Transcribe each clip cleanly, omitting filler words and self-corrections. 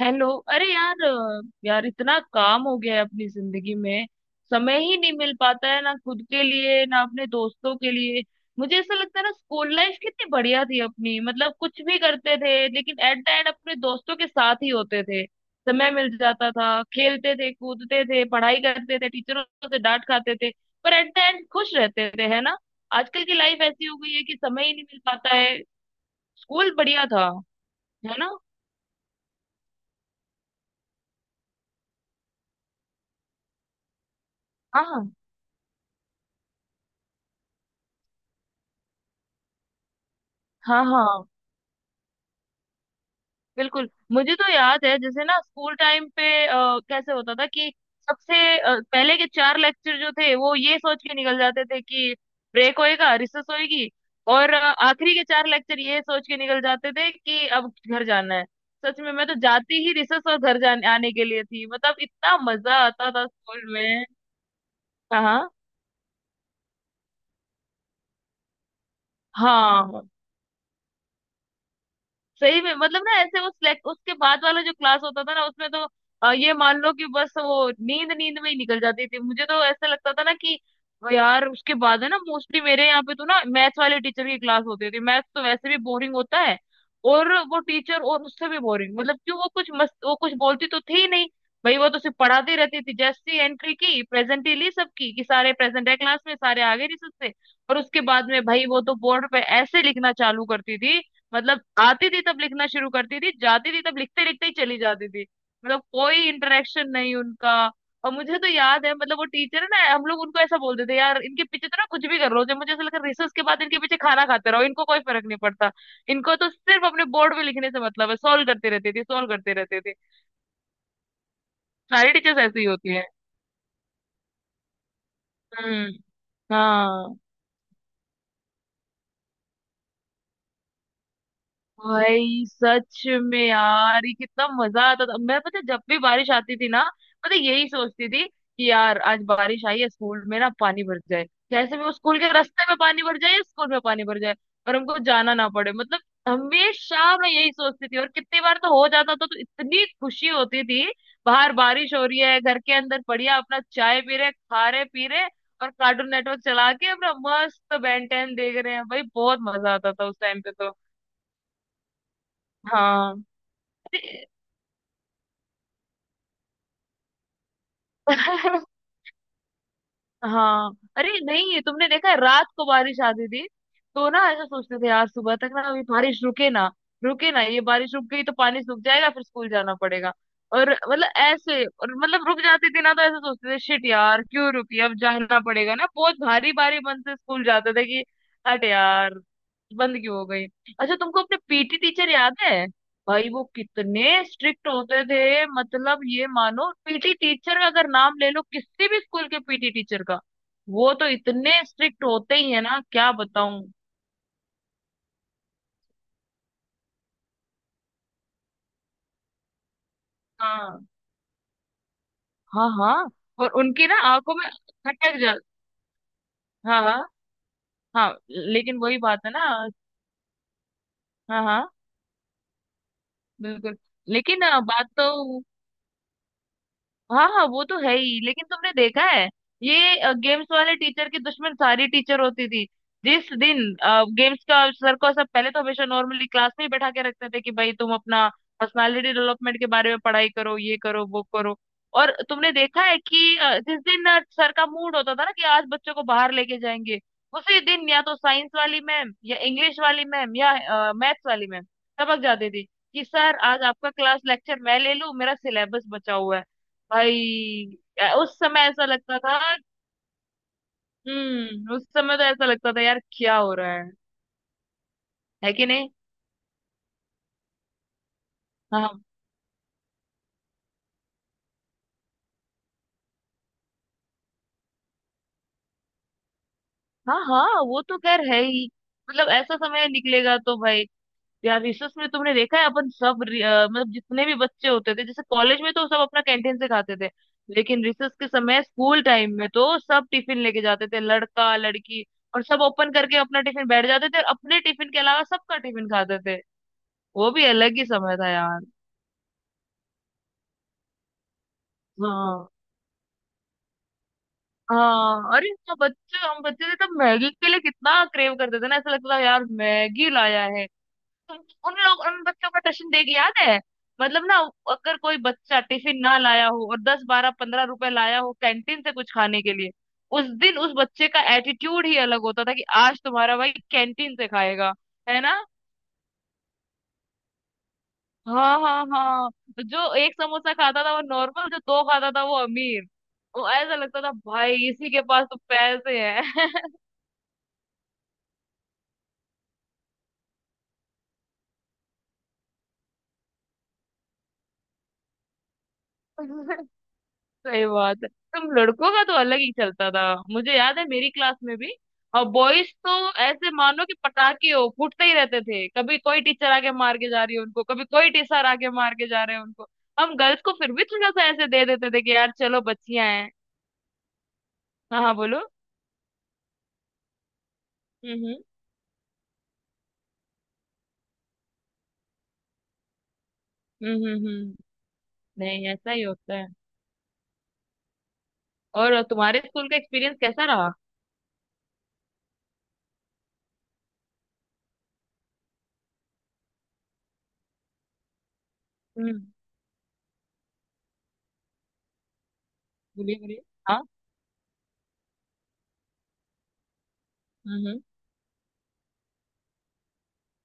Hello. अरे यार इतना काम हो गया है अपनी जिंदगी में। समय ही नहीं मिल पाता है, ना खुद के लिए ना अपने दोस्तों के लिए। मुझे ऐसा लगता है ना, स्कूल लाइफ कितनी बढ़िया थी अपनी। मतलब कुछ भी करते थे लेकिन एट द एंड अपने दोस्तों के साथ ही होते थे। समय मिल जाता था, खेलते थे, कूदते थे, पढ़ाई करते थे, टीचरों से डांट खाते थे। पर एट द एंड खुश रहते थे, है ना। आजकल की लाइफ ऐसी हो गई है कि समय ही नहीं मिल पाता है। स्कूल बढ़िया था, है ना। हाँ, हाँ, हाँ, बिल्कुल। मुझे तो याद है जैसे ना स्कूल टाइम पे कैसे होता था कि सबसे पहले के चार लेक्चर जो थे वो ये सोच के निकल जाते थे कि ब्रेक होएगा, रिसेस होएगी। और आखिरी के चार लेक्चर ये सोच के निकल जाते थे कि अब घर जाना है। सच में मैं तो जाती ही रिसेस और घर जाने आने के लिए थी। मतलब इतना मजा आता था स्कूल में। हाँ, हाँ। सही में मतलब ना, ऐसे वो उसके बाद वाला जो क्लास होता था ना उसमें तो ये मान लो कि बस वो नींद नींद में ही निकल जाती थी। मुझे तो ऐसा लगता था ना कि यार उसके बाद है ना मोस्टली मेरे यहाँ पे तो ना मैथ्स वाले टीचर की क्लास होती थी। मैथ्स तो वैसे भी बोरिंग होता है और वो टीचर और उससे भी बोरिंग। मतलब क्यों, वो कुछ मस्त, वो कुछ बोलती तो थी ही नहीं। भाई वो तो सिर्फ पढ़ाती रहती थी। जैसी एंट्री की, प्रेजेंट ही ली सबकी कि सारे प्रेजेंट है क्लास में, सारे आ गए रिसर्च से। और उसके बाद में भाई वो तो बोर्ड पे ऐसे लिखना चालू करती थी। मतलब आती थी तब लिखना शुरू करती थी, जाती थी तब लिखते लिखते ही चली जाती थी। मतलब कोई इंटरेक्शन नहीं उनका। और मुझे तो याद है, मतलब वो टीचर है ना, हम लोग उनको ऐसा बोलते थे यार इनके पीछे तो ना कुछ भी कर लो। जब मुझे ऐसा लगा रिसर्च के बाद इनके पीछे खाना खाते रहो, इनको कोई फर्क नहीं पड़ता। इनको तो सिर्फ अपने बोर्ड में लिखने से मतलब है, सॉल्व करते रहते थे, सॉल्व करते रहते थे। सारी टीचर्स ऐसी ही होती है। हम्म। हाँ। भाई सच में यार ये कितना मजा आता था। मैं पता है, जब भी बारिश आती थी ना, पता है, यही सोचती थी कि यार आज बारिश आई है, स्कूल में ना पानी भर जाए। जैसे भी वो स्कूल के रास्ते में पानी भर जाए या स्कूल में पानी भर जाए और हमको जाना ना पड़े। मतलब हमेशा मैं यही सोचती थी। और कितनी बार तो हो जाता था तो इतनी खुशी होती थी। बाहर बारिश हो रही है, घर के अंदर बढ़िया अपना चाय पी रहे, खा रहे, पी रहे, और कार्टून नेटवर्क चला के अपना मस्त बेन टेन देख रहे हैं। भाई बहुत मजा आता था उस टाइम पे तो। हाँ। हाँ। अरे नहीं, तुमने देखा है रात को बारिश आती थी तो ना ऐसा सोचते थे यार सुबह तक ना अभी बारिश रुके ना, रुके ना, ये बारिश रुक गई तो पानी सूख जाएगा फिर स्कूल जाना पड़ेगा। और मतलब ऐसे, और मतलब रुक जाती थी ना तो ऐसा सोचते थे शिट यार क्यों रुकी अब जाना पड़ेगा ना, बहुत भारी भारी मन से स्कूल जाते थे कि हट यार बंद क्यों हो गई। अच्छा, तुमको अपने पीटी टीचर याद है। भाई वो कितने स्ट्रिक्ट होते थे। मतलब ये मानो पीटी टीचर का अगर नाम ले लो, किसी भी स्कूल के पीटी टीचर का वो तो इतने स्ट्रिक्ट होते ही है ना। क्या बताऊं। हाँ, हाँ, हाँ। और उनकी ना आंखों में खटक जा। हाँ, हाँ, हाँ। लेकिन वही बात है ना। हाँ, हाँ, बिल्कुल। लेकिन बात तो, हाँ, हाँ, वो तो है ही। लेकिन तुमने देखा है, ये गेम्स वाले टीचर की दुश्मन सारी टीचर होती थी। जिस दिन गेम्स का सर को, सब पहले तो हमेशा नॉर्मली क्लास में ही बैठा के रखते थे कि भाई तुम अपना पर्सनालिटी डेवलपमेंट के बारे में पढ़ाई करो, ये करो, वो करो। और तुमने देखा है कि जिस दिन सर का मूड होता था ना कि आज बच्चों को बाहर लेके जाएंगे, उसी दिन या तो साइंस वाली मैम या इंग्लिश वाली मैम या मैथ्स वाली मैम सबक जाती थी कि सर आज आपका क्लास लेक्चर मैं ले लूं, मेरा सिलेबस बचा हुआ है। भाई उस समय ऐसा लगता था। हम्म, उस समय तो ऐसा लगता था यार क्या हो रहा है कि नहीं। हाँ, हाँ, हाँ, वो तो खैर है ही। मतलब ऐसा समय निकलेगा तो भाई। यार रिसर्च में तुमने देखा है अपन सब मतलब जितने भी बच्चे होते थे, जैसे कॉलेज में तो सब अपना कैंटीन से खाते थे, लेकिन रिसर्च के समय स्कूल टाइम में तो सब टिफिन लेके जाते थे, लड़का लड़की। और सब ओपन करके अपना टिफिन बैठ जाते थे और अपने टिफिन के अलावा सबका टिफिन खाते थे। वो भी अलग ही समय था यार। हाँ, हाँ। अरे हाँ, बच्चे हम बच्चे थे तब मैगी के लिए कितना क्रेव करते थे ना, ऐसा लगता था यार मैगी लाया है तुम। उन लोग उन बच्चों का ट्यूशन देख, याद है, मतलब ना अगर कोई बच्चा टिफिन ना लाया हो और 10 12 15 रुपए लाया हो कैंटीन से कुछ खाने के लिए, उस दिन उस बच्चे का एटीट्यूड ही अलग होता था कि आज तुम्हारा भाई कैंटीन से खाएगा, है ना। हाँ, हाँ, हाँ। जो एक समोसा खाता था वो नॉर्मल, जो दो खाता था वो अमीर। वो ऐसा लगता था भाई इसी के पास तो पैसे हैं। सही बात है, तुम लड़कों का तो अलग ही चलता था। मुझे याद है मेरी क्लास में भी, और बॉयज तो ऐसे मानो कि पटाखे हो, फूटते ही रहते थे। कभी कोई टीचर आके मार के जा रही है उनको, कभी कोई टीचर आके मार के जा रहे हैं उनको। हम गर्ल्स को फिर भी थोड़ा सा ऐसे दे देते थे कि यार चलो बच्चियां हैं। हाँ, हाँ, बोलो। हम्म, हम्म, हम्म, हम्म, नहीं ऐसा ही होता है। और तुम्हारे स्कूल का एक्सपीरियंस कैसा रहा। हम्म। बोलिए, बोलिए। हाँ। हम्म,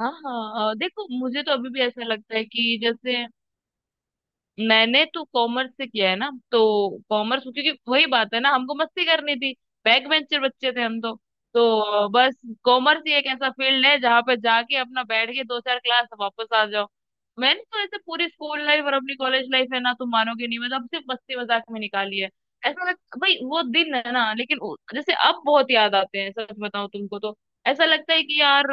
हाँ, हाँ, देखो मुझे तो अभी भी ऐसा लगता है कि जैसे, मैंने तो कॉमर्स से किया है ना तो। कॉमर्स, क्योंकि वही बात है ना हमको मस्ती करनी थी, बैक बेंचर बच्चे थे हम तो। तो बस कॉमर्स ही एक ऐसा फील्ड है जहाँ पे जाके अपना बैठ के दो चार क्लास वापस आ जाओ। मैंने तो ऐसे पूरी स्कूल लाइफ और अपनी कॉलेज लाइफ है ना, तुम मानोगे नहीं, मैं तो अब सिर्फ मस्ती मजाक में निकाली है। ऐसा लग, भाई वो दिन है ना, लेकिन जैसे अब बहुत याद आते हैं सच बताऊं तुमको तो। ऐसा लगता है कि यार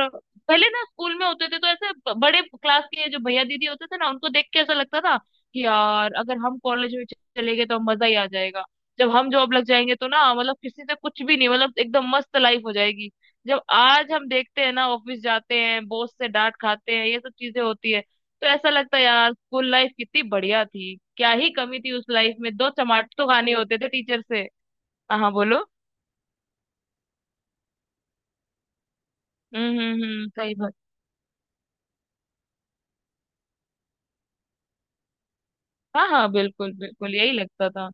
पहले ना स्कूल में होते थे तो ऐसे बड़े क्लास के जो भैया दीदी होते थे ना, उनको देख के ऐसा लगता था कि यार अगर हम कॉलेज में चले गए तो मजा ही आ जाएगा, जब हम जॉब लग जाएंगे तो ना, मतलब किसी से कुछ भी नहीं, मतलब एकदम मस्त लाइफ हो जाएगी। जब आज हम देखते हैं ना, ऑफिस जाते हैं, बॉस से डांट खाते हैं, ये सब चीजें होती है, तो ऐसा लगता है यार स्कूल लाइफ कितनी बढ़िया थी, क्या ही कमी थी उस लाइफ में, दो चमाट तो खाने होते थे टीचर से। हाँ, हाँ, बोलो। हम्म, हम्म, हम्म, सही। हाँ, हाँ, बिल्कुल, बिल्कुल, यही लगता था।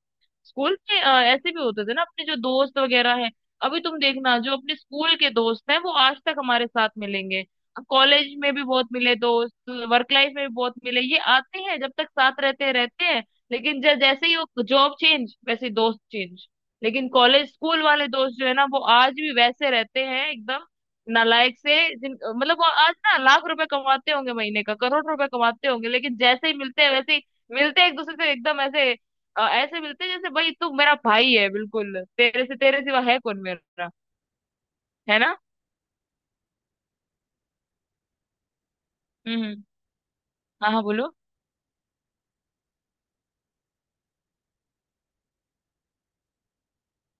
स्कूल में ऐसे भी होते थे ना अपने जो दोस्त वगैरह हैं, अभी तुम देखना जो अपने स्कूल के दोस्त हैं वो आज तक हमारे साथ मिलेंगे। अब कॉलेज में भी बहुत मिले दोस्त, वर्क लाइफ में भी बहुत मिले, ये आते हैं, जब तक साथ रहते हैं रहते हैं, लेकिन जब जैसे ही वो जॉब चेंज वैसे ही दोस्त चेंज। लेकिन कॉलेज स्कूल वाले दोस्त जो है ना वो आज भी वैसे रहते हैं एकदम नालायक से। जिन मतलब वो आज ना लाख रुपए कमाते होंगे महीने का, करोड़ रुपए कमाते होंगे, लेकिन जैसे ही मिलते हैं वैसे ही मिलते हैं एक दूसरे से। एकदम ऐसे मिलते हैं जैसे भाई तू मेरा भाई है, बिल्कुल तेरे से, तेरे सिवा है कौन मेरा, है ना। हम्म, हाँ, हाँ, बोलो।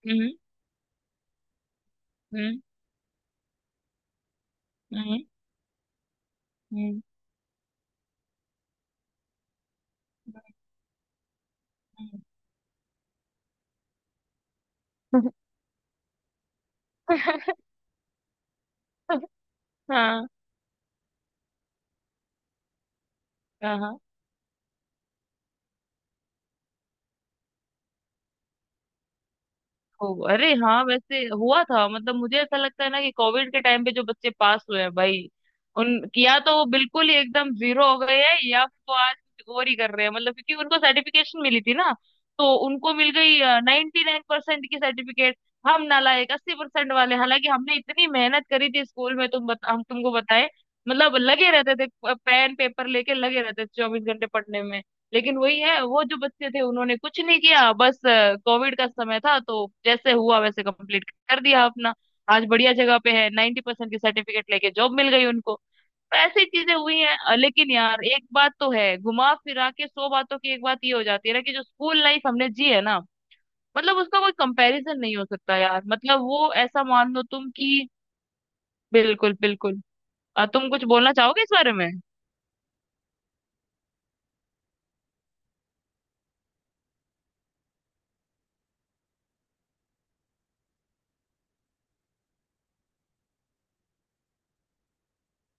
हम्म, हम्म, हम्म, हम्म, हम्म, हम्म। हाँ, हाँ। हो, अरे हाँ वैसे हुआ था। मतलब मुझे ऐसा लगता है ना कि कोविड के टाइम पे जो बच्चे पास हुए हैं भाई, उन या तो वो बिल्कुल ही एकदम जीरो हो गए हैं या फिर वो आज कुछ और ही कर रहे हैं। मतलब क्योंकि उनको सर्टिफिकेशन मिली थी ना, तो उनको मिल गई 99% की सर्टिफिकेट। हम नालायक 80% वाले हालांकि हमने इतनी मेहनत करी थी स्कूल में। हम तुमको बताए, मतलब लगे रहते थे पेन पेपर लेके, लगे रहते थे 24 घंटे पढ़ने में। लेकिन वही है वो, जो बच्चे थे उन्होंने कुछ नहीं किया, बस कोविड का समय था तो जैसे हुआ वैसे कंप्लीट कर दिया अपना, आज बढ़िया जगह पे है, 90% की सर्टिफिकेट लेके जॉब मिल गई उनको। तो ऐसी चीजें हुई हैं लेकिन यार एक बात तो है, घुमा फिरा के सौ बातों की एक बात ये हो जाती है ना, कि जो स्कूल लाइफ हमने जी है ना, मतलब उसका कोई कंपैरिजन नहीं हो सकता यार। मतलब वो ऐसा मान लो तुम कि बिल्कुल, बिल्कुल। तुम कुछ बोलना चाहोगे इस बारे में।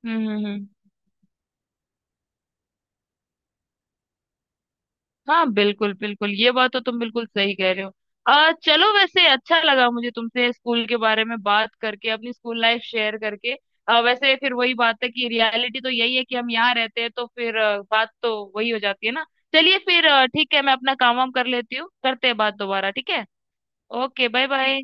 हम्म, हम्म, हम्म। हाँ, बिल्कुल, बिल्कुल, ये बात तो तुम बिल्कुल सही कह रहे हो। चलो वैसे अच्छा लगा मुझे तुमसे स्कूल के बारे में बात करके, अपनी स्कूल लाइफ शेयर करके। वैसे फिर वही बात है कि रियलिटी तो यही है कि हम यहाँ रहते हैं, तो फिर बात तो वही हो जाती है ना। चलिए फिर, ठीक है, मैं अपना काम वाम कर लेती हूँ, करते हैं बात दोबारा, ठीक है। Okay, bye bye.